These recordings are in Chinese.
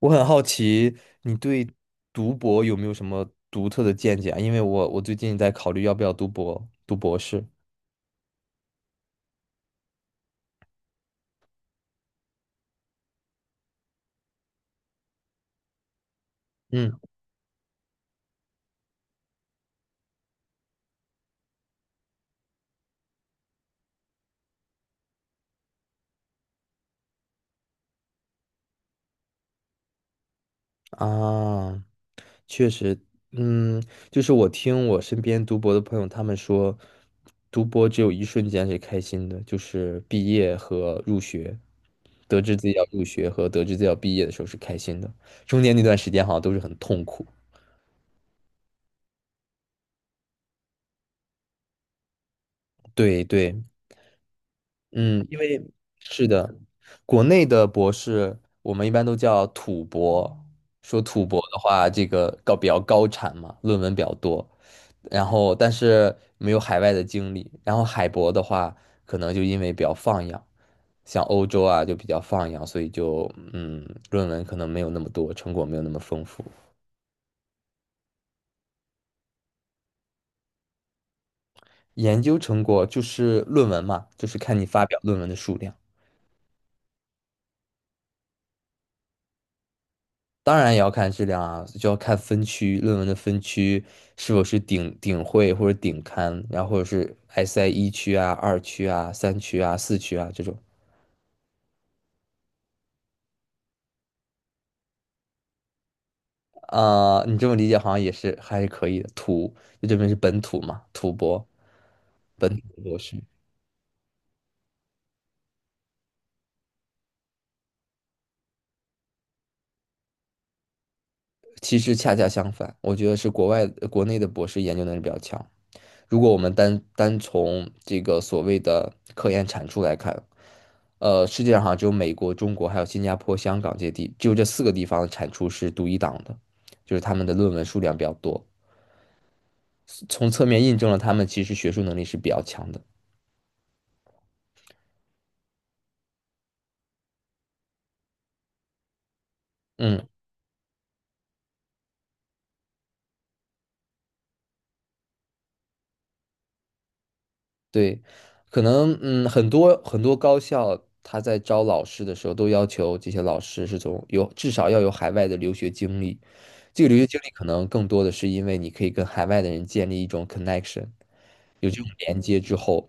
我很好奇，你对读博有没有什么独特的见解啊？因为我最近在考虑要不要读博，读博士。嗯啊，确实。嗯，就是我听我身边读博的朋友他们说，读博只有一瞬间是开心的，就是毕业和入学，得知自己要入学和得知自己要毕业的时候是开心的，中间那段时间好像都是很痛苦。对对，嗯，因为是的，国内的博士我们一般都叫土博，说土博的话，这个比较高产嘛，论文比较多，然后但是没有海外的经历。然后海博的话，可能就因为比较放养，像欧洲啊就比较放养，所以就嗯，论文可能没有那么多，成果没有那么丰富。研究成果就是论文嘛，就是看你发表论文的数量。当然也要看质量啊，就要看分区，论文的分区是否是顶会或者顶刊，然后或者是 SI 一区啊、二区啊、三区啊、四区啊这种。啊、你这么理解好像也是还是可以的。土就这边是本土嘛，土博本土博士。其实恰恰相反，我觉得是国内的博士研究能力比较强。如果我们单单从这个所谓的科研产出来看，世界上好像只有美国、中国还有新加坡、香港这些地，只有这四个地方的产出是独一档的，就是他们的论文数量比较多，从侧面印证了他们其实学术能力是比较强的。嗯，对，可能很多高校他在招老师的时候都要求这些老师是从有至少要有海外的留学经历，这个留学经历可能更多的是因为你可以跟海外的人建立一种 connection。有这种连接之后，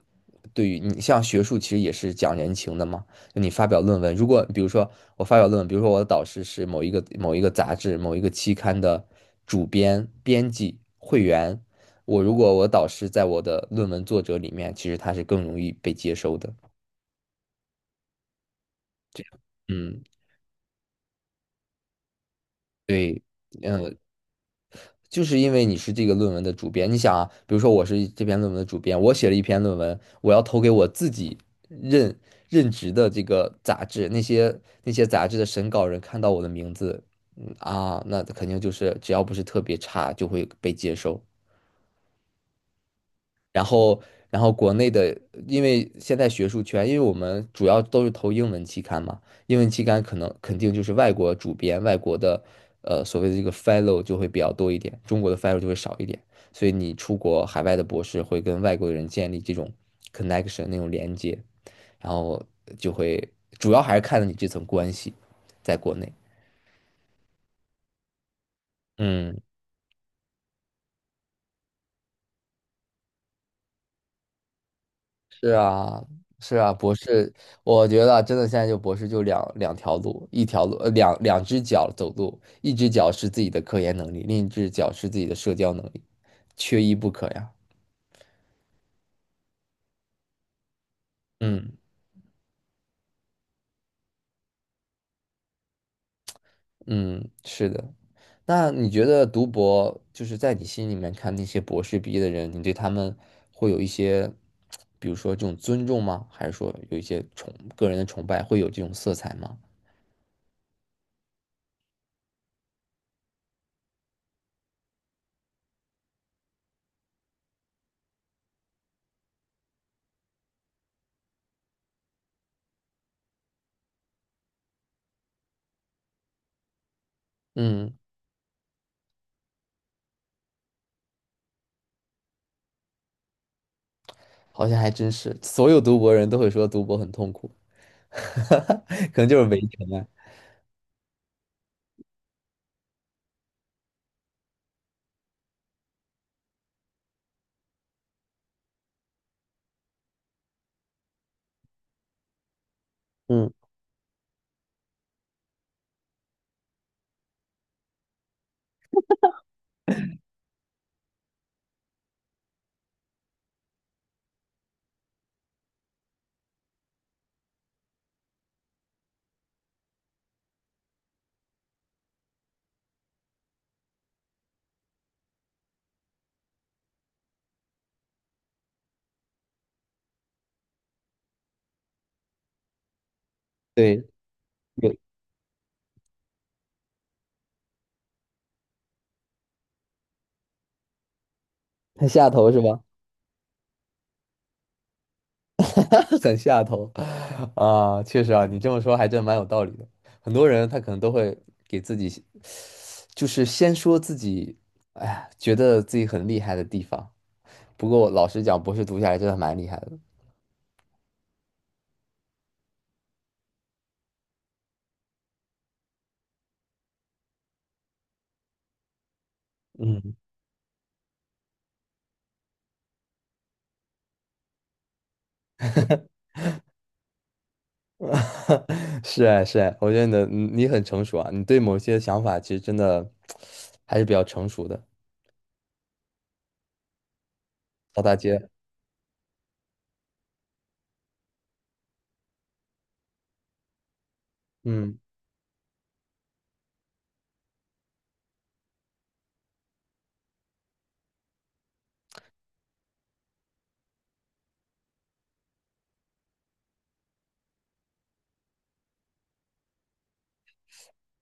对于你像学术其实也是讲人情的嘛。就你发表论文，如果比如说我发表论文，比如说我的导师是某一个杂志、某一个期刊的主编、编辑、会员，我如果我导师在我的论文作者里面，其实他是更容易被接收的。嗯，对，就是因为你是这个论文的主编，你想啊，比如说我是这篇论文的主编，我写了一篇论文，我要投给我自己任任职的这个杂志，那些杂志的审稿人看到我的名字。那肯定就是只要不是特别差，就会被接收。然后，然后国内的，因为现在学术圈，因为我们主要都是投英文期刊嘛，英文期刊可能肯定就是外国主编、外国的，所谓的这个 fellow 就会比较多一点，中国的 fellow 就会少一点，所以你出国海外的博士会跟外国的人建立这种 connection 那种连接，然后就会主要还是看你这层关系，在国内，嗯。是啊，是啊，博士，我觉得真的现在就博士就两条路，一条路两只脚走路，一只脚是自己的科研能力，另一只脚是自己的社交能力，缺一不可呀。嗯嗯，是的。那你觉得读博就是在你心里面看那些博士毕业的人，你对他们会有一些，比如说这种尊重吗？还是说有一些个人的崇拜，会有这种色彩吗？嗯，好像还真是，所有读博人都会说读博很痛苦。可能就是围城啊。嗯，对，有很下头是吧？很下头啊，确实啊，你这么说还真蛮有道理的。很多人他可能都会给自己，就是先说自己，哎呀，觉得自己很厉害的地方。不过老实讲，博士读下来真的蛮厉害的。嗯，是啊，是啊，我觉得你的嗯你很成熟啊，你对某些想法其实真的 还是比较成熟的。扫大街，嗯。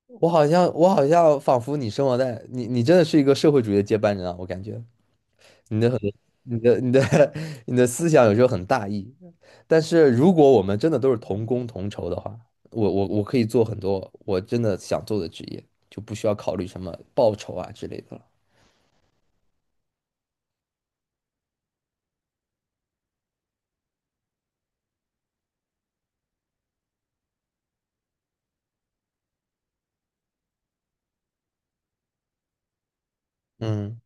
我好像，我好像仿佛你生活在你，你真的是一个社会主义的接班人啊！我感觉你的很多你的 你的思想有时候很大义，但是如果我们真的都是同工同酬的话，我可以做很多我真的想做的职业，就不需要考虑什么报酬啊之类的了。嗯，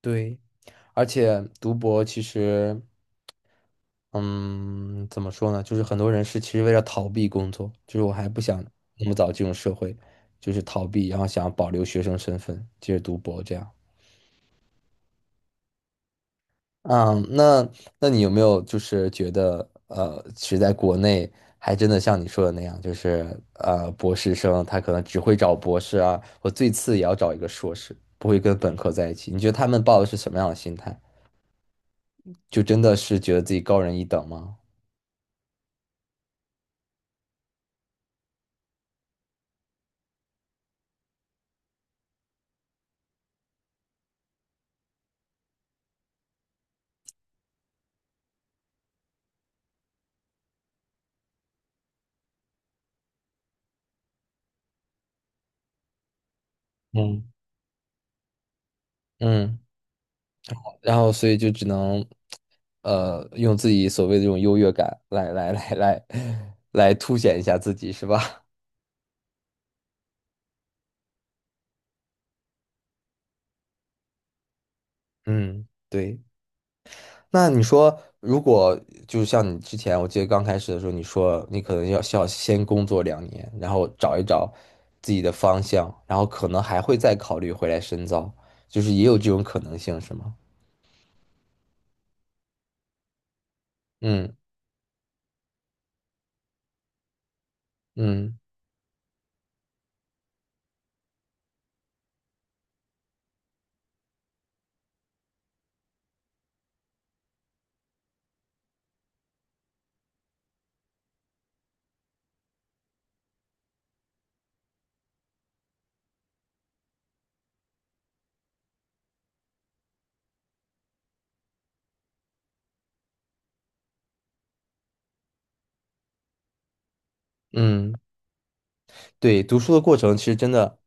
对，而且读博其实。嗯，怎么说呢？就是很多人是其实为了逃避工作，就是我还不想那么早进入社会，就是逃避，然后想要保留学生身份，接着读博这样。嗯，那你有没有就是觉得其实在国内还真的像你说的那样，就是博士生他可能只会找博士啊，我最次也要找一个硕士，不会跟本科在一起。你觉得他们抱的是什么样的心态？就真的是觉得自己高人一等吗？嗯。嗯。然后所以就只能，用自己所谓的这种优越感来凸显一下自己，是吧？嗯，对。那你说，如果就是像你之前，我记得刚开始的时候，你说你可能要需要先工作2年，然后找一找自己的方向，然后可能还会再考虑回来深造，就是也有这种可能性，是吗？嗯嗯嗯。对，读书的过程其实真的，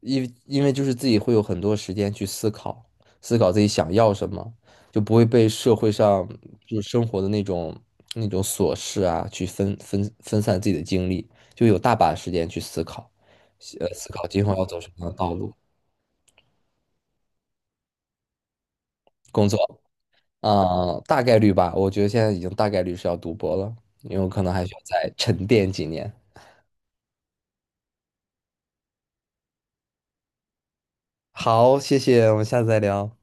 因为就是自己会有很多时间去思考，思考自己想要什么，就不会被社会上就是生活的那种琐事啊去分散自己的精力，就有大把时间去思考，思考今后要走什么样的道路，工作啊，大概率吧，我觉得现在已经大概率是要读博了，因为我可能还需要再沉淀几年。好，谢谢，我们下次再聊。